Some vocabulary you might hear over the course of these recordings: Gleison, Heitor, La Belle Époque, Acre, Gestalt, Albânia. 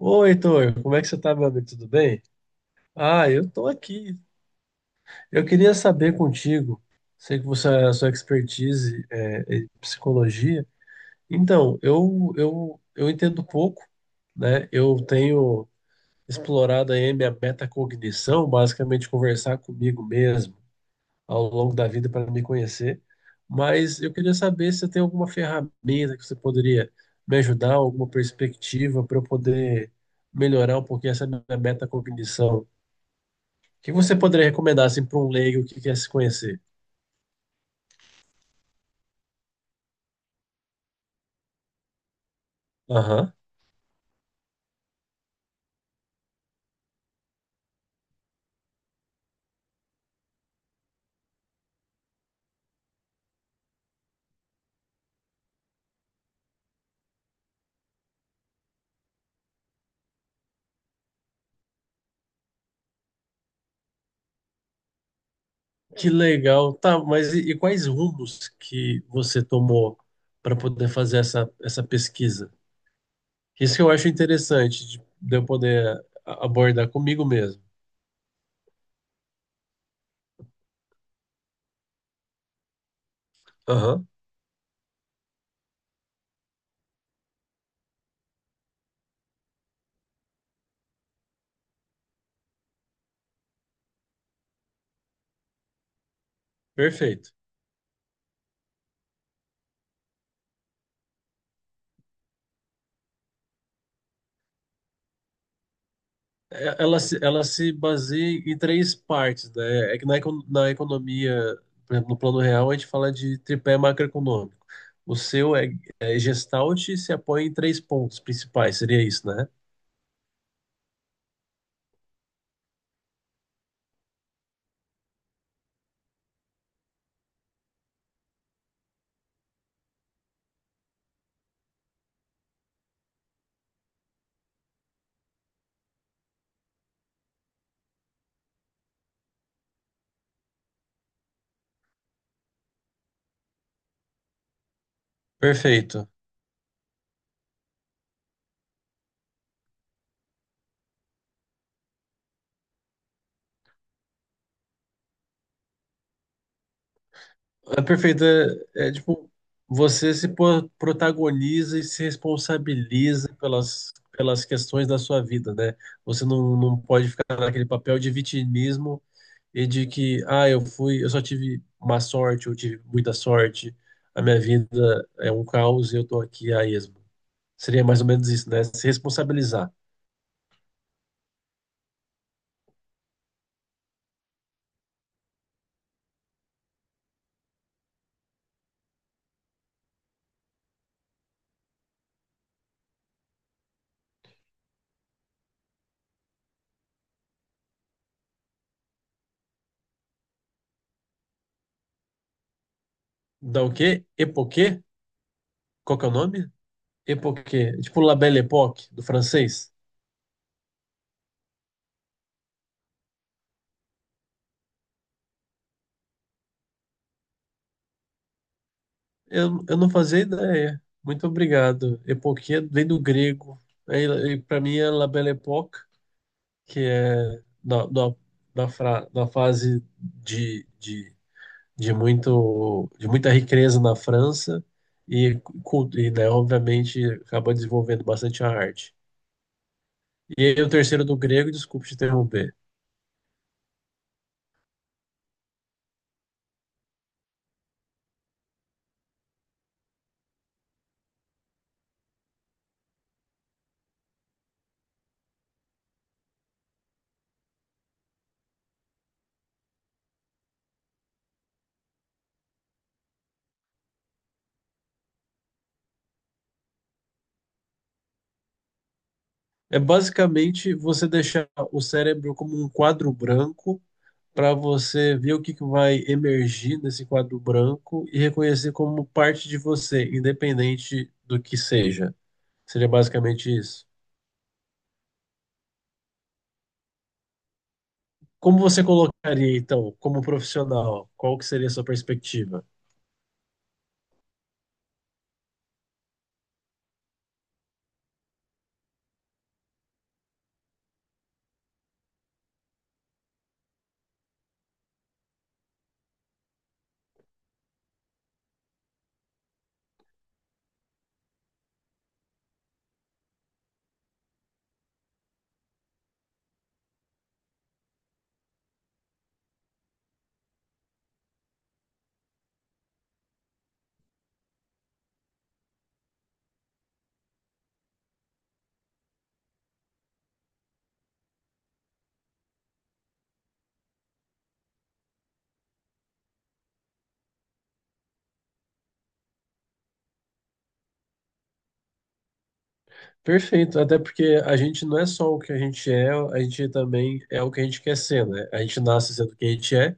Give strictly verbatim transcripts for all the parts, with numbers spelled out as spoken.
Oi, Heitor, como é que você tá, meu amigo? Tudo bem? Ah, eu tô aqui. Eu queria saber contigo, sei que você, é a sua expertise é em psicologia. Então, eu, eu, eu entendo pouco, né? Eu tenho explorado aí minha metacognição, basicamente conversar comigo mesmo ao longo da vida para me conhecer. Mas eu queria saber se você tem alguma ferramenta que você poderia me ajudar, alguma perspectiva para eu poder melhorar um pouquinho essa minha metacognição. O que você poderia recomendar assim, para um leigo que quer se conhecer? Aham. Que legal. Tá, mas e, e quais rumos que você tomou para poder fazer essa, essa pesquisa? Isso que eu acho interessante de, de eu poder a- abordar comigo mesmo. Aham. Perfeito. É- ela se, ela se baseia em três partes, né? É que na, econ- na economia, por exemplo, no plano real, a gente fala de tripé macroeconômico. O seu é, é Gestalt e se apoia em três pontos principais, seria isso, né? Perfeito. É perfeito. É, é, tipo, você se po- protagoniza e se responsabiliza pelas, pelas questões da sua vida, né? Você não, não pode ficar naquele papel de vitimismo e de que, ah, eu fui, eu só tive má sorte, eu tive muita sorte, a minha vida é um caos e eu tô aqui a esmo. Seria mais ou menos isso, né? Se responsabilizar. Da o quê? Epoquê? Qual que é o nome? Époque, tipo La Belle Époque, do francês. Eu, eu não fazia ideia. Muito obrigado. Époque vem do grego. Aí, para mim é La Belle Époque, que é da, da, da, fra, da fase de, de, de, muito, de muita riqueza na França e, cu- e né, obviamente, acaba desenvolvendo bastante a arte. E aí, o terceiro do grego, desculpe te interromper. É basicamente você deixar o cérebro como um quadro branco para você ver o que que vai emergir nesse quadro branco e reconhecer como parte de você, independente do que seja. Seria basicamente isso. Como você colocaria, então, como profissional? Qual que seria a sua perspectiva? Perfeito, até porque a gente não é só o que a gente é, a gente também é o que a gente quer ser, né? A gente nasce sendo o que a gente é.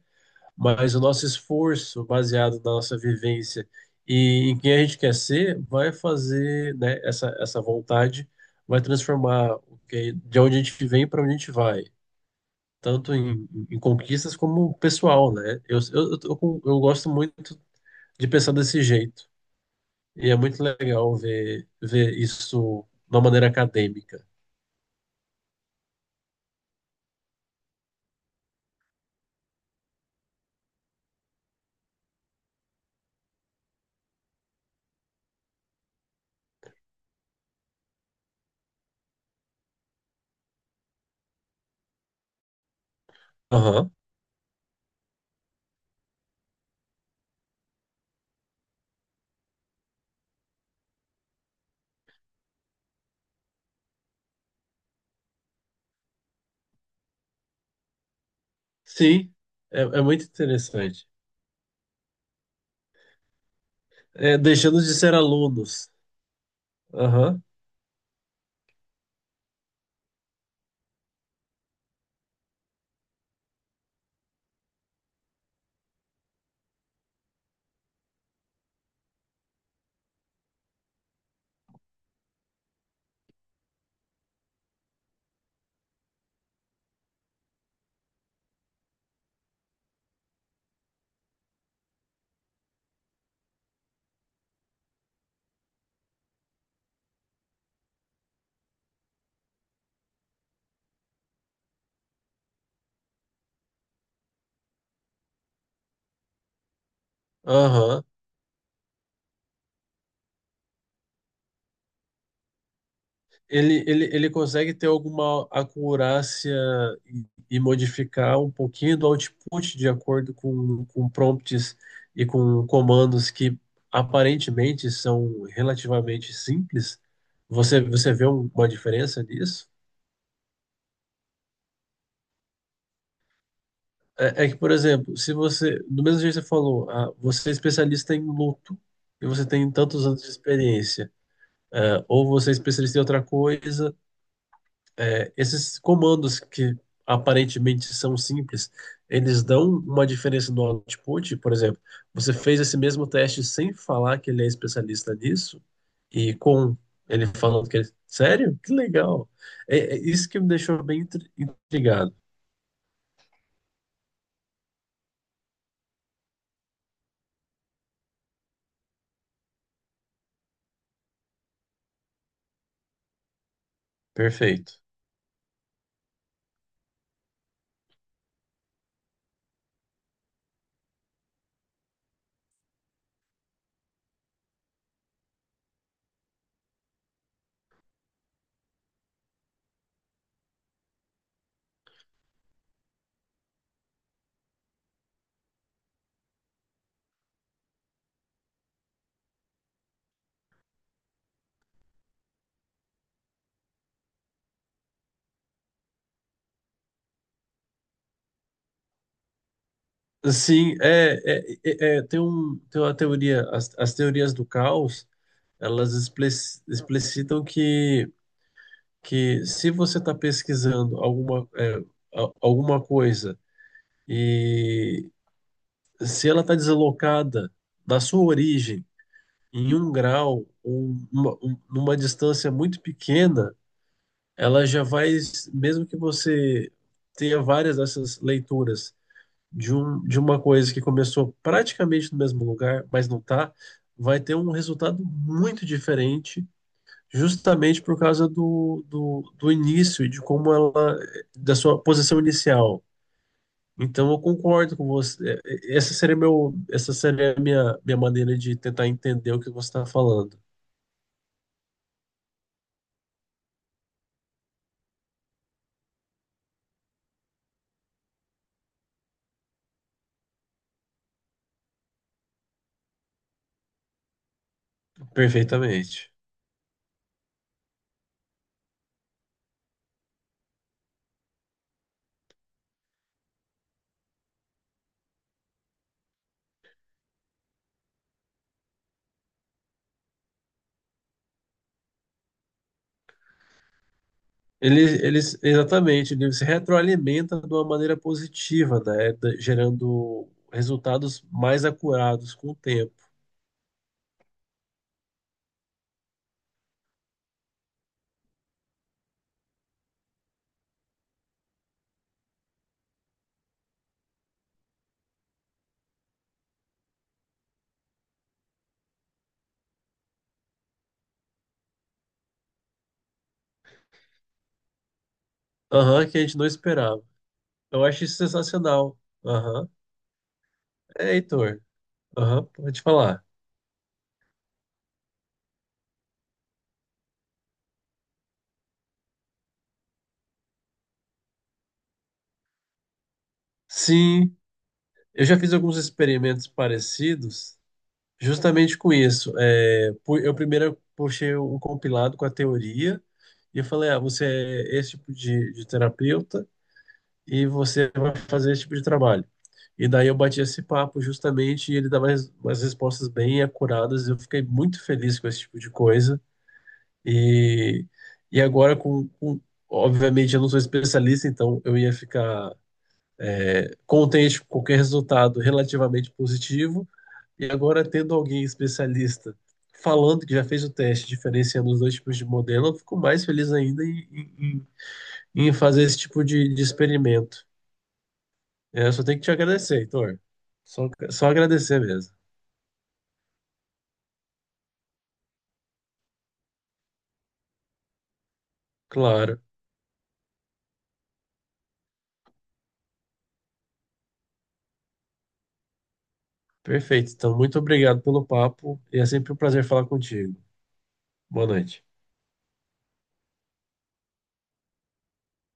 Mas o nosso esforço, baseado na nossa vivência e em quem a gente quer ser, vai fazer, né, essa, essa vontade vai transformar o que- de onde a gente vem para onde a gente vai, tanto em, em conquistas como pessoal, né? Eu, eu, eu, tô com- eu gosto muito de pensar desse jeito. E é muito legal ver, ver isso de uma maneira acadêmica. Aham. Sim, é, é muito interessante. É, deixando de ser alunos. Aham, aham. Ele, ele, ele consegue ter alguma acurácia e, e modificar um pouquinho do output de acordo com, com prompts e com comandos que aparentemente são relativamente simples. Você, você vê um- uma diferença nisso? É, é que, por exemplo, se você, do mesmo jeito que você falou, ah, você é especialista em luto e você tem tantos anos de experiência, ah, ou você é especialista em outra coisa. Esses comandos que aparentemente são simples, eles dão uma diferença no output. Por exemplo, você fez esse mesmo teste sem falar que ele é especialista nisso, e com ele falando que ele. Sério? Que legal! É, é isso que me deixou bem intri- intrigado. Perfeito. Sim, é, é- é- é, tem, um, tem uma teoria, as, as teorias do caos, elas explic- explicitam que que se você está pesquisando alguma, é, a- alguma coisa e se ela está deslocada da sua origem em um grau ou uma- um- numa distância muito pequena, ela já vai, mesmo que você tenha várias dessas leituras de, um, de uma coisa que começou praticamente no mesmo lugar, mas não está, vai ter um resultado muito diferente justamente por causa do, do, do início e de como ela, da sua posição inicial. Então eu concordo com você. É, é, essa seria meu, essa seria a minha, minha maneira de tentar entender o que você está falando. Perfeitamente. Ele, ele, exatamente, ele se retroalimenta de uma maneira positiva, né? Da- Gerando resultados mais acurados com o tempo. Aham, que a gente não esperava. Eu acho isso sensacional. Aham. É, Heitor. Aham, pode falar. Sim, eu já fiz alguns experimentos parecidos justamente com isso. É, pu- eu primeiro puxei um compilado com a teoria e eu falei, ah, você é esse tipo de, de terapeuta e você vai fazer esse tipo de trabalho. E daí eu bati esse papo justamente e ele dava res- umas respostas bem acuradas. Eu fiquei muito feliz com esse tipo de coisa. E, e agora com, com... Obviamente eu não sou especialista, então eu ia ficar é, contente com qualquer resultado relativamente positivo, e agora, tendo alguém especialista falando que já fez o teste, diferenciando os dois tipos de modelo, eu fico mais feliz ainda em, em- em- em fazer esse tipo de, de experimento. É, eu só tenho que te agradecer, Heitor. Só, só agradecer mesmo. Claro. Perfeito. Então, muito obrigado pelo papo e é sempre um prazer falar contigo. Boa noite.